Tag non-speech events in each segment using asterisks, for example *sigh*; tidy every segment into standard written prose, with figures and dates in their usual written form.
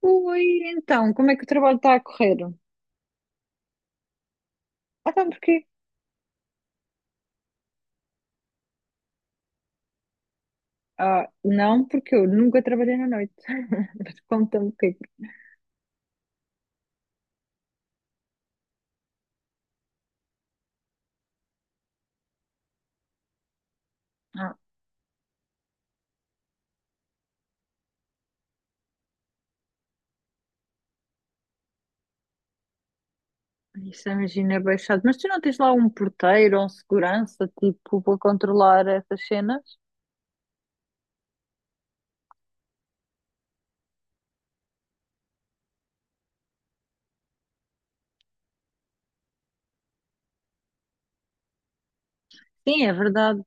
Oi, então, como é que o trabalho está a correr? Ah, então porquê? Ah, não, porque eu nunca trabalhei na noite. *laughs* Mas conta-me o Ah, isso imagina é bem chato. Mas tu não tens lá um porteiro ou um segurança, tipo, para controlar essas cenas? Sim, é verdade.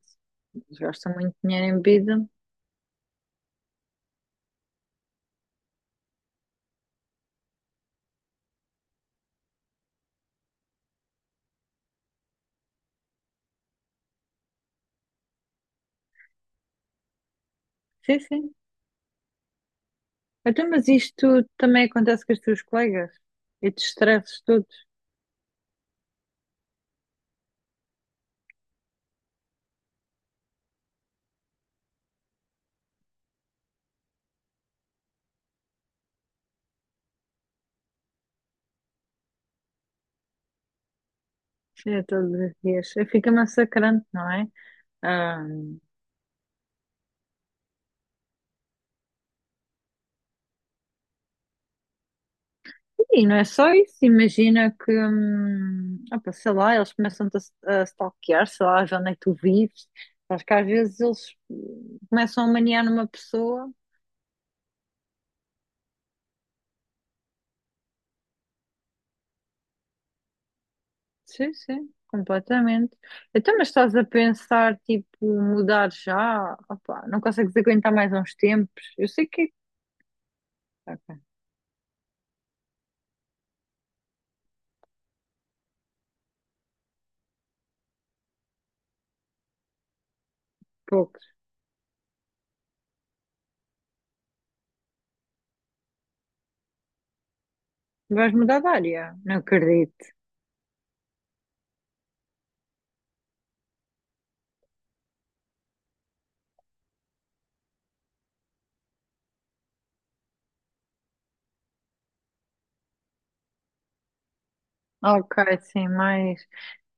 Eles gastam muito dinheiro em bebida. Sim, sim. Então, mas isto também acontece com os teus colegas? E te estresses todos? É, todos os dias. Fica massacrante, não é? E não é só isso, imagina que, opa, sei lá, eles começam-te a stalkear, sei lá, ver onde é que tu vives. Acho que às vezes eles começam a maniar numa pessoa. Sim, sim, completamente. Então, mas estás a pensar, tipo, mudar já? Opa, não consegues aguentar mais uns tempos? Eu sei que, é. Ok, poucos. Vais mudar de área? Não acredito. Ok, sim, mais.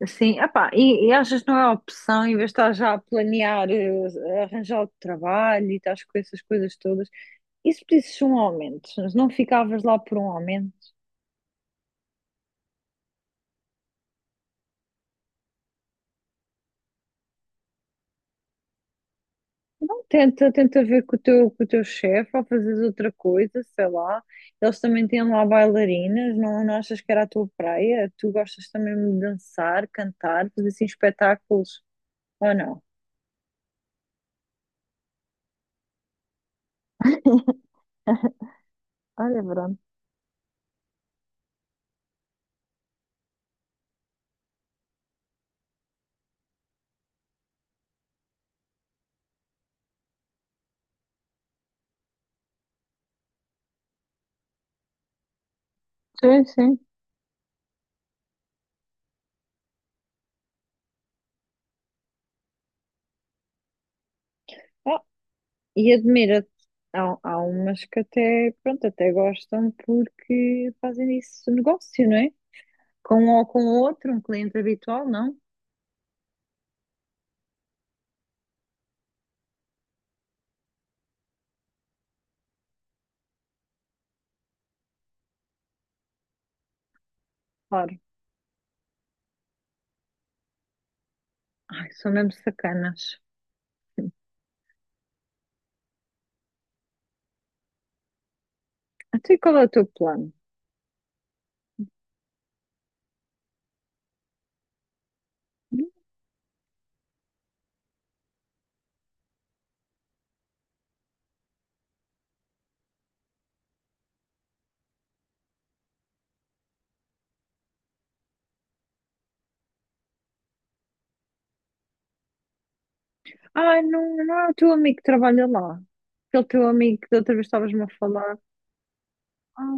Sim, epá, e achas que não é opção, em vez de estar já a planear, arranjar outro trabalho e estás com essas coisas todas, e se pedisses um aumento? Se não ficavas lá por um aumento? Não, tenta ver com o teu chefe ou fazes outra coisa, sei lá. Eles também têm lá bailarinas, não, não achas que era a tua praia? Tu gostas também de dançar, cantar, fazer assim espetáculos, ou não? Olha, pronto. Sim, sim. E admira-te, há umas que até, pronto, até gostam porque fazem disso negócio, não é? Com um ou com outro, um cliente habitual, não? Claro. Ai, são mesmo sacanas. Até qual é o teu plano? Ai, não, não é o teu amigo que trabalha lá. Aquele teu amigo que da outra vez estavas-me a falar. Ah,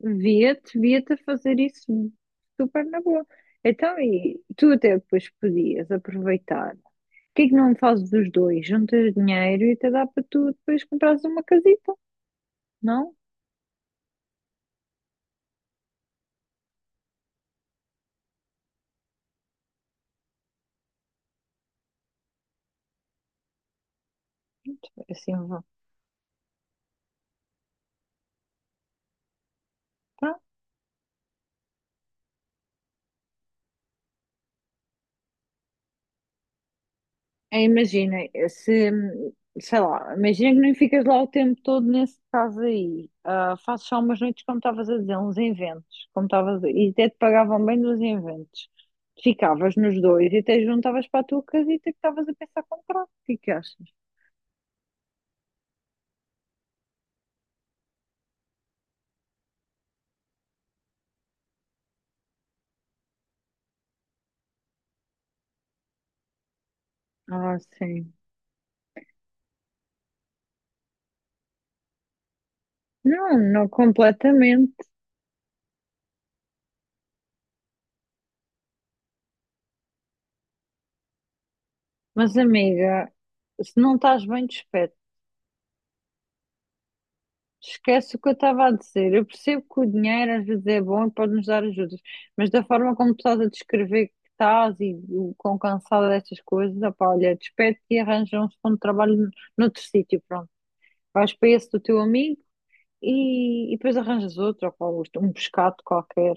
via-te a fazer isso super na boa. Então, e tu até depois podias aproveitar. Porquê que não fazes os dois? Juntas dinheiro e até dá para tu depois comprares uma casita, não? Assim, vá. Tá? Aí imagina, é, se, sei lá, imagina que nem ficas lá o tempo todo nesse caso aí. Ah, fazes só umas noites, como estavas a dizer, uns inventos, como e até te pagavam bem dos inventos. Ficavas nos dois e até juntavas para a tua casita que estavas a pensar comprar. O que é que achas? Ah, sim. Não, não completamente. Mas, amiga, se não estás bem dos. Esquece o que eu estava a dizer. Eu percebo que o dinheiro às vezes é bom e pode-nos dar ajudas, mas da forma como tu estás a descrever que estás e o quão cansada destas coisas, opá, olha, despede-te e arranja um segundo trabalho noutro sítio, pronto. Vais para esse do teu amigo e depois arranjas outro, opá, isto, um pescado qualquer.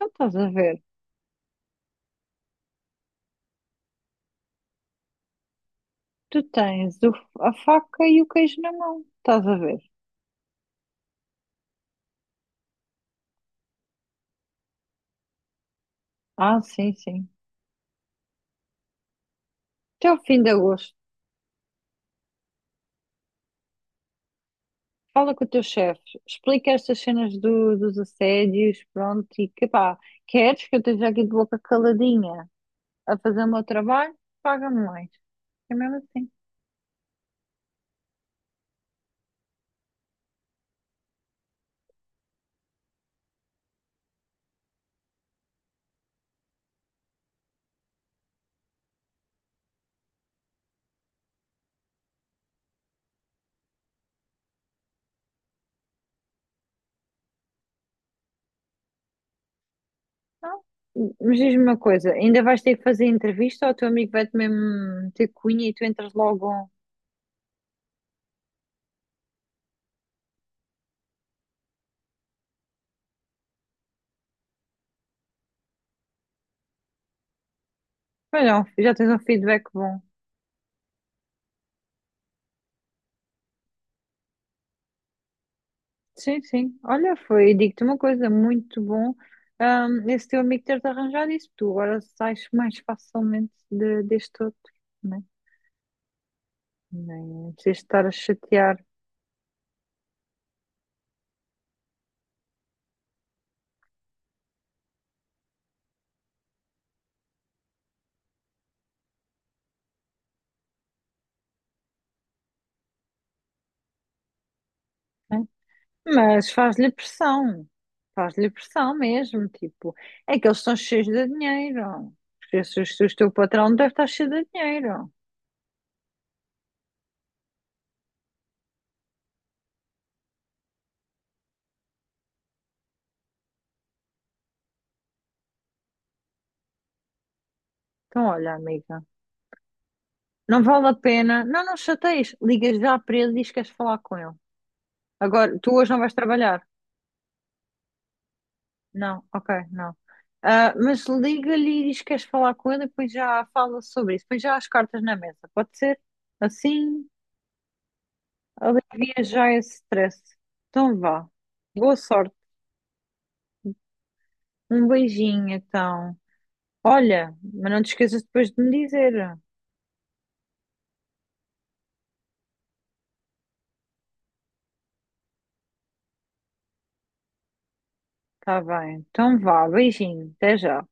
Não estás a ver? Tu tens a faca e o queijo na mão, estás a ver? Ah, sim, sim. Até o fim de agosto. Fala com o teu chefe, explica estas cenas dos assédios, pronto, e que pá, queres que eu esteja aqui de boca caladinha a fazer o meu trabalho? Paga-me mais. É mesmo assim. Não? Mas diz-me uma coisa, ainda vais ter que fazer entrevista ou o teu amigo vai-te mesmo ter cunha e tu entras logo? Mas não, já tens um feedback bom. Sim, sim. Olha, foi, digo-te uma coisa, muito bom, esse teu amigo ter-te arranjado isso, tu agora sais mais facilmente deste outro, né? Nem é preciso estar a chatear, né? Mas faz-lhe pressão mesmo, tipo, é que eles estão cheios de dinheiro, porque se o teu patrão deve estar cheio de dinheiro. Então, olha, amiga, não vale a pena, não, não chateias, ligas já para ele e diz que queres falar com ele. Agora, tu hoje não vais trabalhar? Não, ok, não. Ah, mas liga-lhe e diz que queres falar com ele e depois já fala sobre isso, depois já há as cartas na mesa, pode ser? Assim? Alivia já esse stress. Então vá. Boa sorte. Um beijinho, então. Olha, mas não te esqueças depois de me dizer. Tá bem. Então vá, beijinho. Até já.